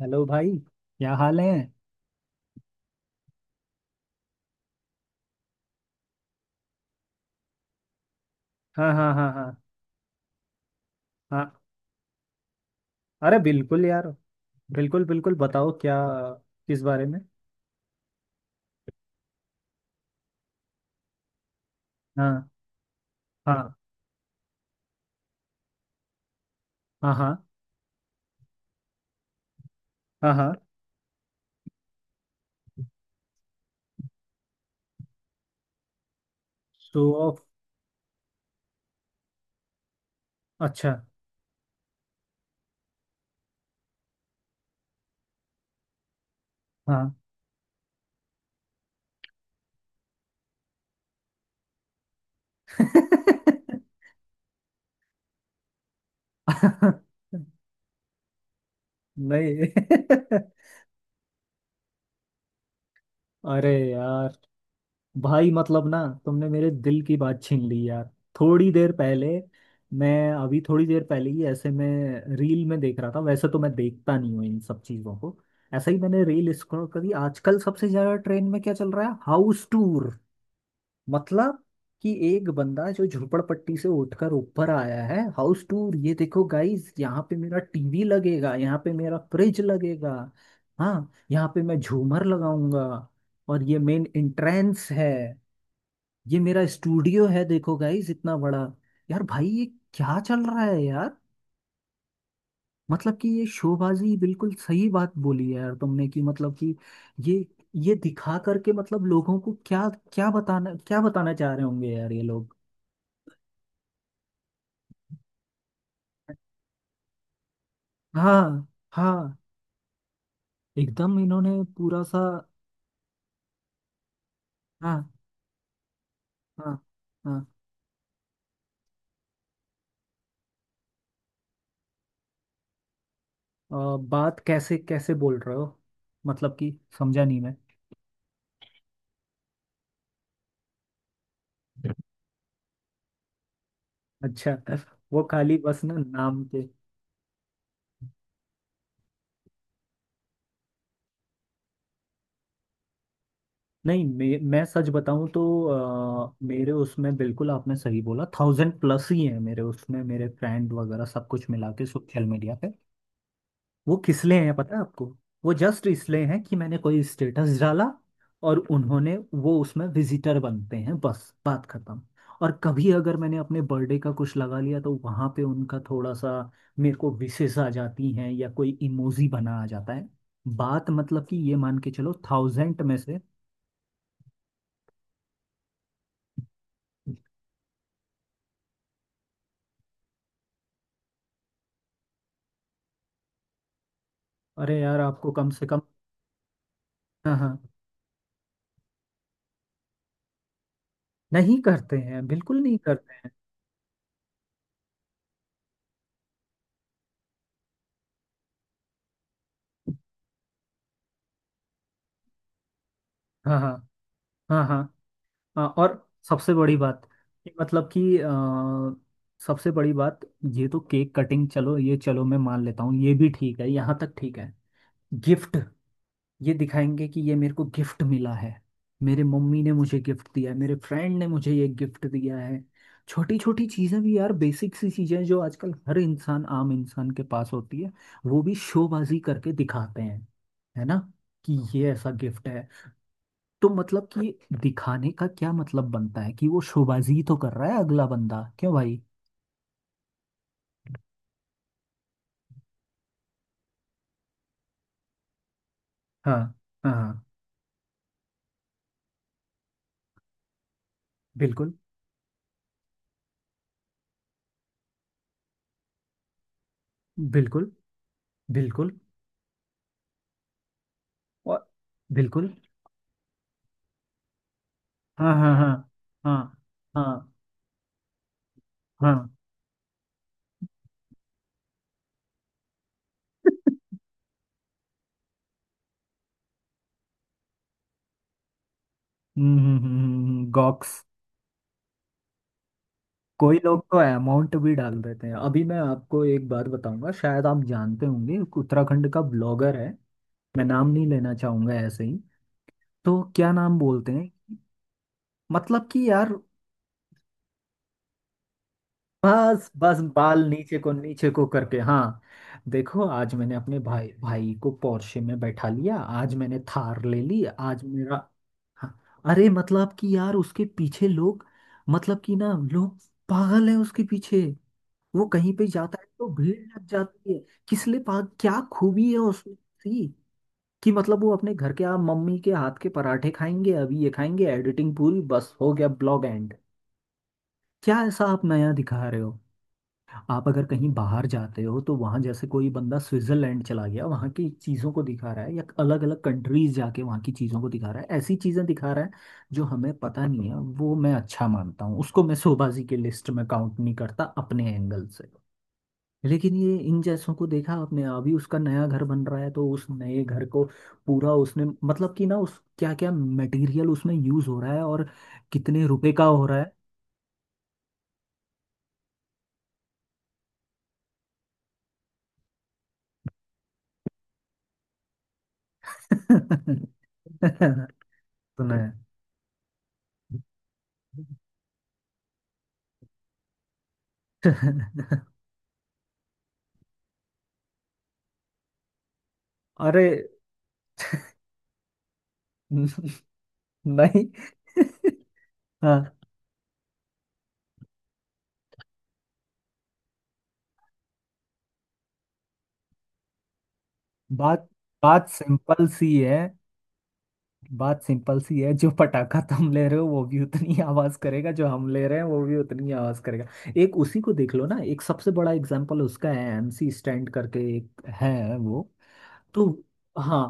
Hello भाई। क्या हाल है? हाँ हाँ हाँ हाँ हाँ। अरे बिल्कुल यार। बिल्कुल बिल्कुल बताओ, क्या, किस बारे में? हाँ हाँ हाँ हाँ हाँ हाँ। शो ऑफ, अच्छा। हाँ। नहीं। अरे यार, भाई मतलब ना, तुमने मेरे दिल की बात छीन ली यार। थोड़ी देर पहले, मैं अभी थोड़ी देर पहले ही ऐसे में रील में देख रहा था। वैसे तो मैं देखता नहीं हूँ इन सब चीज़ों को। ऐसे ही मैंने रील स्क्रॉल करी। आजकल सबसे ज़्यादा ट्रेंड में क्या चल रहा है? House tour. मतलब कि एक बंदा जो झोपड़पट्टी से उठकर ऊपर आया है, हाउस टूर। ये देखो गाइस, यहाँ पे मेरा टीवी लगेगा, यहाँ पे मेरा फ्रिज लगेगा। हाँ, यहाँ पे मैं झूमर लगाऊंगा, और ये मेन एंट्रेंस है। ये मेरा स्टूडियो है, देखो गाइस इतना बड़ा। यार भाई, ये क्या चल रहा है यार। मतलब कि ये शोबाजी, बिल्कुल सही बात बोली है यार तुमने। कि मतलब कि ये ये दिखा करके मतलब लोगों को क्या क्या बताना, क्या बताना चाह रहे होंगे यार ये लोग। हाँ हाँ। एकदम इन्होंने पूरा सा। हाँ हाँ हाँ। अ, बात कैसे कैसे बोल रहे हो? मतलब कि समझा नहीं मैं। अच्छा, वो खाली बस ना नाम के। नहीं, मैं सच बताऊं तो मेरे उसमें बिल्कुल आपने सही बोला, थाउजेंड प्लस ही है मेरे उसमें, मेरे फ्रेंड वगैरह सब कुछ मिला के सोशल मीडिया पे। वो किस लिए हैं पता है आपको? वो जस्ट इसलिए हैं कि मैंने कोई स्टेटस डाला, और उन्होंने वो उसमें विजिटर बनते हैं, बस बात खत्म। और कभी अगर मैंने अपने बर्थडे का कुछ लगा लिया, तो वहां पे उनका थोड़ा सा मेरे को विशेष आ जाती हैं, या कोई इमोजी बना आ जाता है। बात मतलब कि ये मान के चलो, थाउजेंड में से। अरे यार, आपको कम से कम। हाँ हाँ। नहीं करते हैं, बिल्कुल नहीं करते हैं। हाँ हाँ हाँ हाँ। हाँ, और सबसे बड़ी बात, कि मतलब कि सबसे बड़ी बात, ये तो केक कटिंग, चलो ये चलो मैं मान लेता हूँ, ये भी ठीक है, यहाँ तक ठीक है। गिफ्ट, ये दिखाएंगे कि ये मेरे को गिफ्ट मिला है, मेरे मम्मी ने मुझे गिफ्ट दिया है, मेरे फ्रेंड ने मुझे ये गिफ्ट दिया है। छोटी छोटी चीज़ें भी यार, बेसिक सी चीज़ें जो आजकल हर इंसान, आम इंसान के पास होती है, वो भी शोबाजी करके दिखाते हैं। है ना, कि ये ऐसा गिफ्ट है। तो मतलब कि दिखाने का क्या मतलब बनता है, कि वो शोबाजी तो कर रहा है, अगला बंदा क्यों भाई? हाँ हाँ हाँ। बिल्कुल बिल्कुल बिल्कुल। और बिल्कुल। हाँ हाँ हाँ हाँ हाँ हाँ। हम्म गॉक्स। कोई लोग तो अमाउंट भी डाल देते हैं। अभी मैं आपको एक बात बताऊंगा, शायद आप जानते होंगे। एक उत्तराखंड का ब्लॉगर है, मैं नाम नहीं लेना चाहूंगा ऐसे ही। तो क्या नाम बोलते हैं, मतलब कि यार। बस बस, बाल नीचे को करके, हाँ। देखो, आज मैंने अपने भाई भाई को पोर्शे में बैठा लिया, आज मैंने थार ले ली, आज मेरा। हाँ। अरे मतलब कि यार उसके पीछे लोग, मतलब कि ना, लोग पागल है उसके पीछे, वो कहीं पे जाता है तो भीड़ लग जाती है। किस लिए पाग, क्या खूबी है उसमें सी? कि मतलब वो अपने घर के, आप, मम्मी के हाथ के पराठे खाएंगे, अभी ये खाएंगे, एडिटिंग पूरी, बस हो गया ब्लॉग एंड। क्या ऐसा आप नया दिखा रहे हो? आप अगर कहीं बाहर जाते हो तो वहाँ, जैसे कोई बंदा स्विट्जरलैंड चला गया वहाँ की चीज़ों को दिखा रहा है, या अलग अलग कंट्रीज जाके वहाँ की चीज़ों को दिखा रहा है, ऐसी चीज़ें दिखा रहा है जो हमें पता नहीं है, वो मैं अच्छा मानता हूँ उसको, मैं शोबाजी की लिस्ट में काउंट नहीं करता अपने एंगल से। लेकिन ये इन जैसों को देखा आपने, अभी उसका नया घर बन रहा है, तो उस नए घर को पूरा उसने मतलब कि ना, उस, क्या क्या मटेरियल उसमें यूज हो रहा है, और कितने रुपए का हो रहा है। सुना है। अरे। नहीं। हाँ। बात बात सिंपल सी है, बात सिंपल सी है, जो पटाखा तुम ले रहे हो वो भी उतनी आवाज करेगा, जो हम ले रहे हैं वो भी उतनी आवाज करेगा। एक उसी को देख लो ना, एक सबसे बड़ा एग्जांपल उसका है, एमसी स्टैंड करके एक है वो। तो हाँ,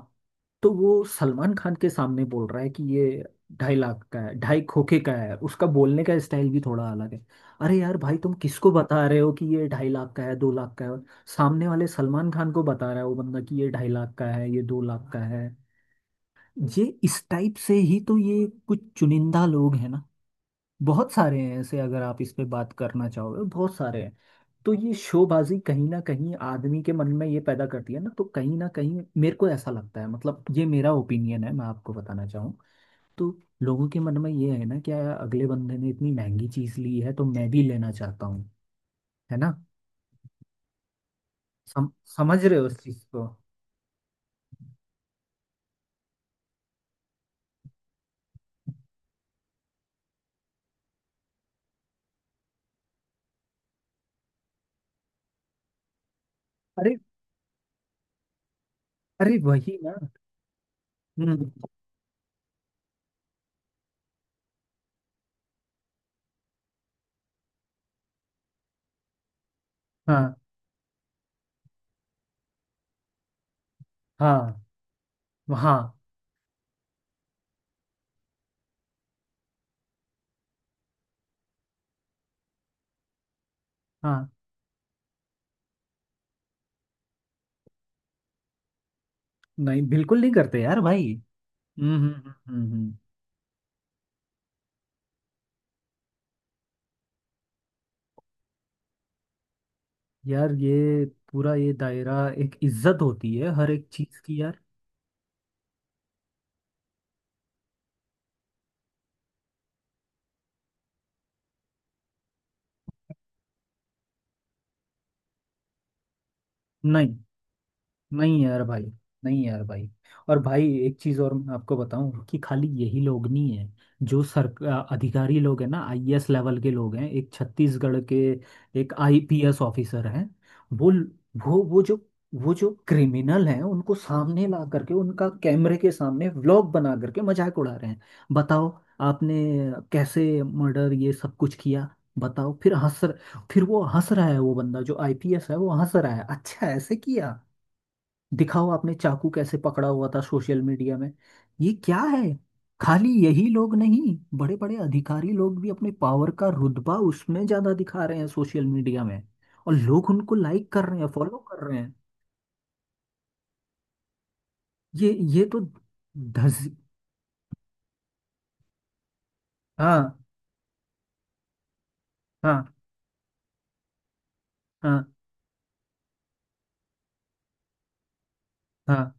तो वो सलमान खान के सामने बोल रहा है कि ये 2.5 लाख का है, ढाई खोखे का है, उसका बोलने का स्टाइल भी थोड़ा अलग है। अरे यार भाई, तुम किसको बता रहे हो कि ये 2.5 लाख का है, 2 लाख का है। सामने वाले सलमान खान को बता रहा है वो बंदा, कि ये 2.5 लाख का है, ये 2 लाख का है। ये इस टाइप से ही तो, ये कुछ चुनिंदा लोग हैं ना, बहुत सारे हैं ऐसे, अगर आप इस पे बात करना चाहोगे बहुत सारे हैं। तो ये शोबाजी कहीं ना कहीं आदमी के मन में ये पैदा करती है ना, तो कहीं ना कहीं मेरे को ऐसा लगता है, मतलब ये मेरा ओपिनियन है, मैं आपको बताना चाहूँ तो, लोगों के मन में ये है ना, कि यार अगले बंदे ने इतनी महंगी चीज ली है तो मैं भी लेना चाहता हूँ, है ना। सम, समझ रहे हो उस चीज को? अरे, अरे वही ना। हम्म। हाँ हाँ हाँ हाँ। नहीं, बिल्कुल नहीं करते यार भाई। हम्म हम्म हम्म हम्म, हम्म। यार ये पूरा ये दायरा, एक इज्जत होती है हर एक चीज की यार। नहीं। नहीं यार भाई। नहीं यार भाई। और भाई, एक चीज़ और मैं आपको बताऊं, कि खाली यही लोग नहीं है। जो सर, अधिकारी लोग हैं ना, आईएएस लेवल के लोग हैं, एक छत्तीसगढ़ के एक आईपीएस ऑफिसर हैं। वो वो जो, वो जो क्रिमिनल हैं उनको सामने ला करके उनका कैमरे के सामने व्लॉग बना करके मजाक उड़ा रहे हैं। बताओ आपने कैसे मर्डर ये सब कुछ किया, बताओ। फिर हंस, फिर वो हंस रहा है, वो बंदा जो आईपीएस है वो हंस रहा है, अच्छा ऐसे किया, दिखाओ, आपने चाकू कैसे पकड़ा हुआ था, सोशल मीडिया में। ये क्या है? खाली यही लोग नहीं, बड़े बड़े अधिकारी लोग भी अपने पावर का रुतबा उसमें ज्यादा दिखा रहे हैं सोशल मीडिया में, और लोग उनको लाइक कर रहे हैं, फॉलो कर रहे हैं। ये ये तो धस। हाँ हाँ हाँ हाँ।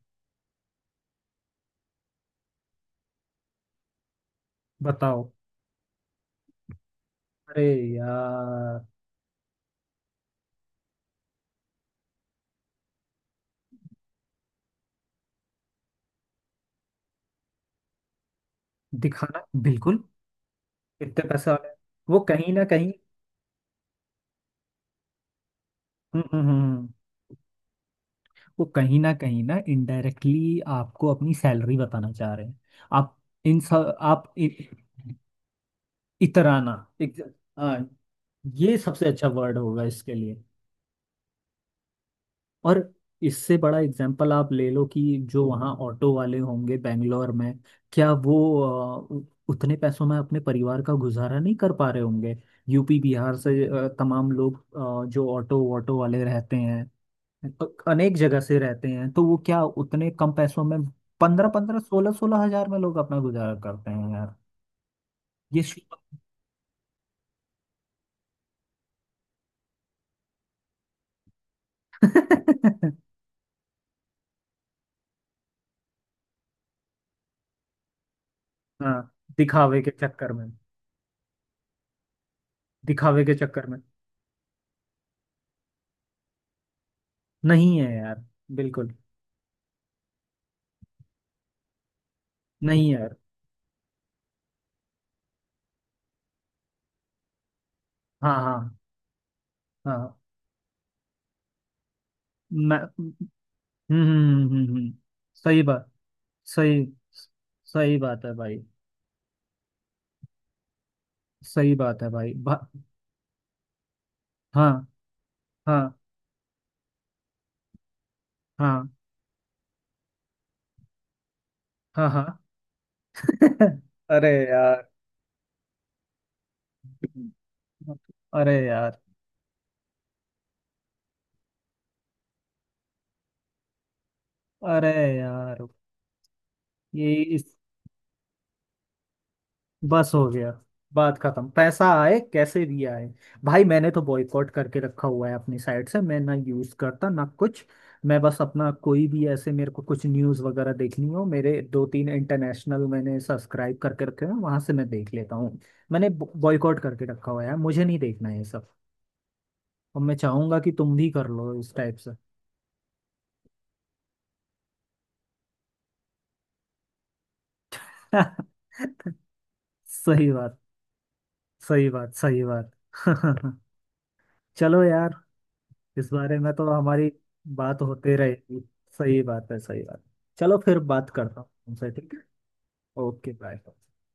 बताओ, अरे यार। दिखाना, बिल्कुल। इतने पैसे वाले, वो कहीं ना कहीं। हम्म हम्म हम्म हम्म। वो कहीं ना इनडायरेक्टली आपको अपनी सैलरी बताना चाह रहे हैं। आप इन सब आप इतराना। एक, हाँ, ये सबसे अच्छा वर्ड होगा इसके लिए। और इससे बड़ा एग्जाम्पल आप ले लो, कि जो वहाँ ऑटो वाले होंगे बेंगलोर में, क्या वो अ, उ- उतने पैसों में अपने परिवार का गुजारा नहीं कर पा रहे होंगे, यूपी बिहार से तमाम लोग, जो ऑटो ऑटो वाले रहते हैं, तो अनेक जगह से रहते हैं, तो वो क्या उतने कम पैसों में, 15-15, 16-16 हजार में लोग अपना गुजारा करते हैं यार। ये शुभ। हाँ। दिखावे के चक्कर में, दिखावे के चक्कर में। नहीं है यार, बिल्कुल नहीं है यार। हाँ हाँ हाँ। मैं, हम्म। हम्म हम्म, हम्म, हम्म। सही बात, सही। सही बात है भाई। सही बात है भाई हाँ हाँ हाँ हाँ हाँ। अरे यार। अरे यार। अरे यार, ये इस, बस हो गया, बात खत्म, पैसा आए कैसे भी आए। भाई मैंने तो बॉयकॉट करके रखा हुआ है अपनी साइड से, मैं ना यूज करता ना कुछ। मैं बस अपना कोई भी ऐसे, मेरे को कुछ न्यूज वगैरह देखनी हो, मेरे दो तीन इंटरनेशनल मैंने सब्सक्राइब करके रखे हैं, वहां से मैं देख लेता हूँ। मैंने बॉयकॉट करके रखा हुआ है, मुझे नहीं देखना है ये सब। और मैं चाहूंगा कि तुम भी कर लो इस टाइप से। सही बात, सही बात, सही बात। चलो यार, इस बारे में तो हमारी बात होते रहेगी। सही बात है, सही बात है। चलो फिर बात करता हूँ तुमसे, ठीक है। Okay bye.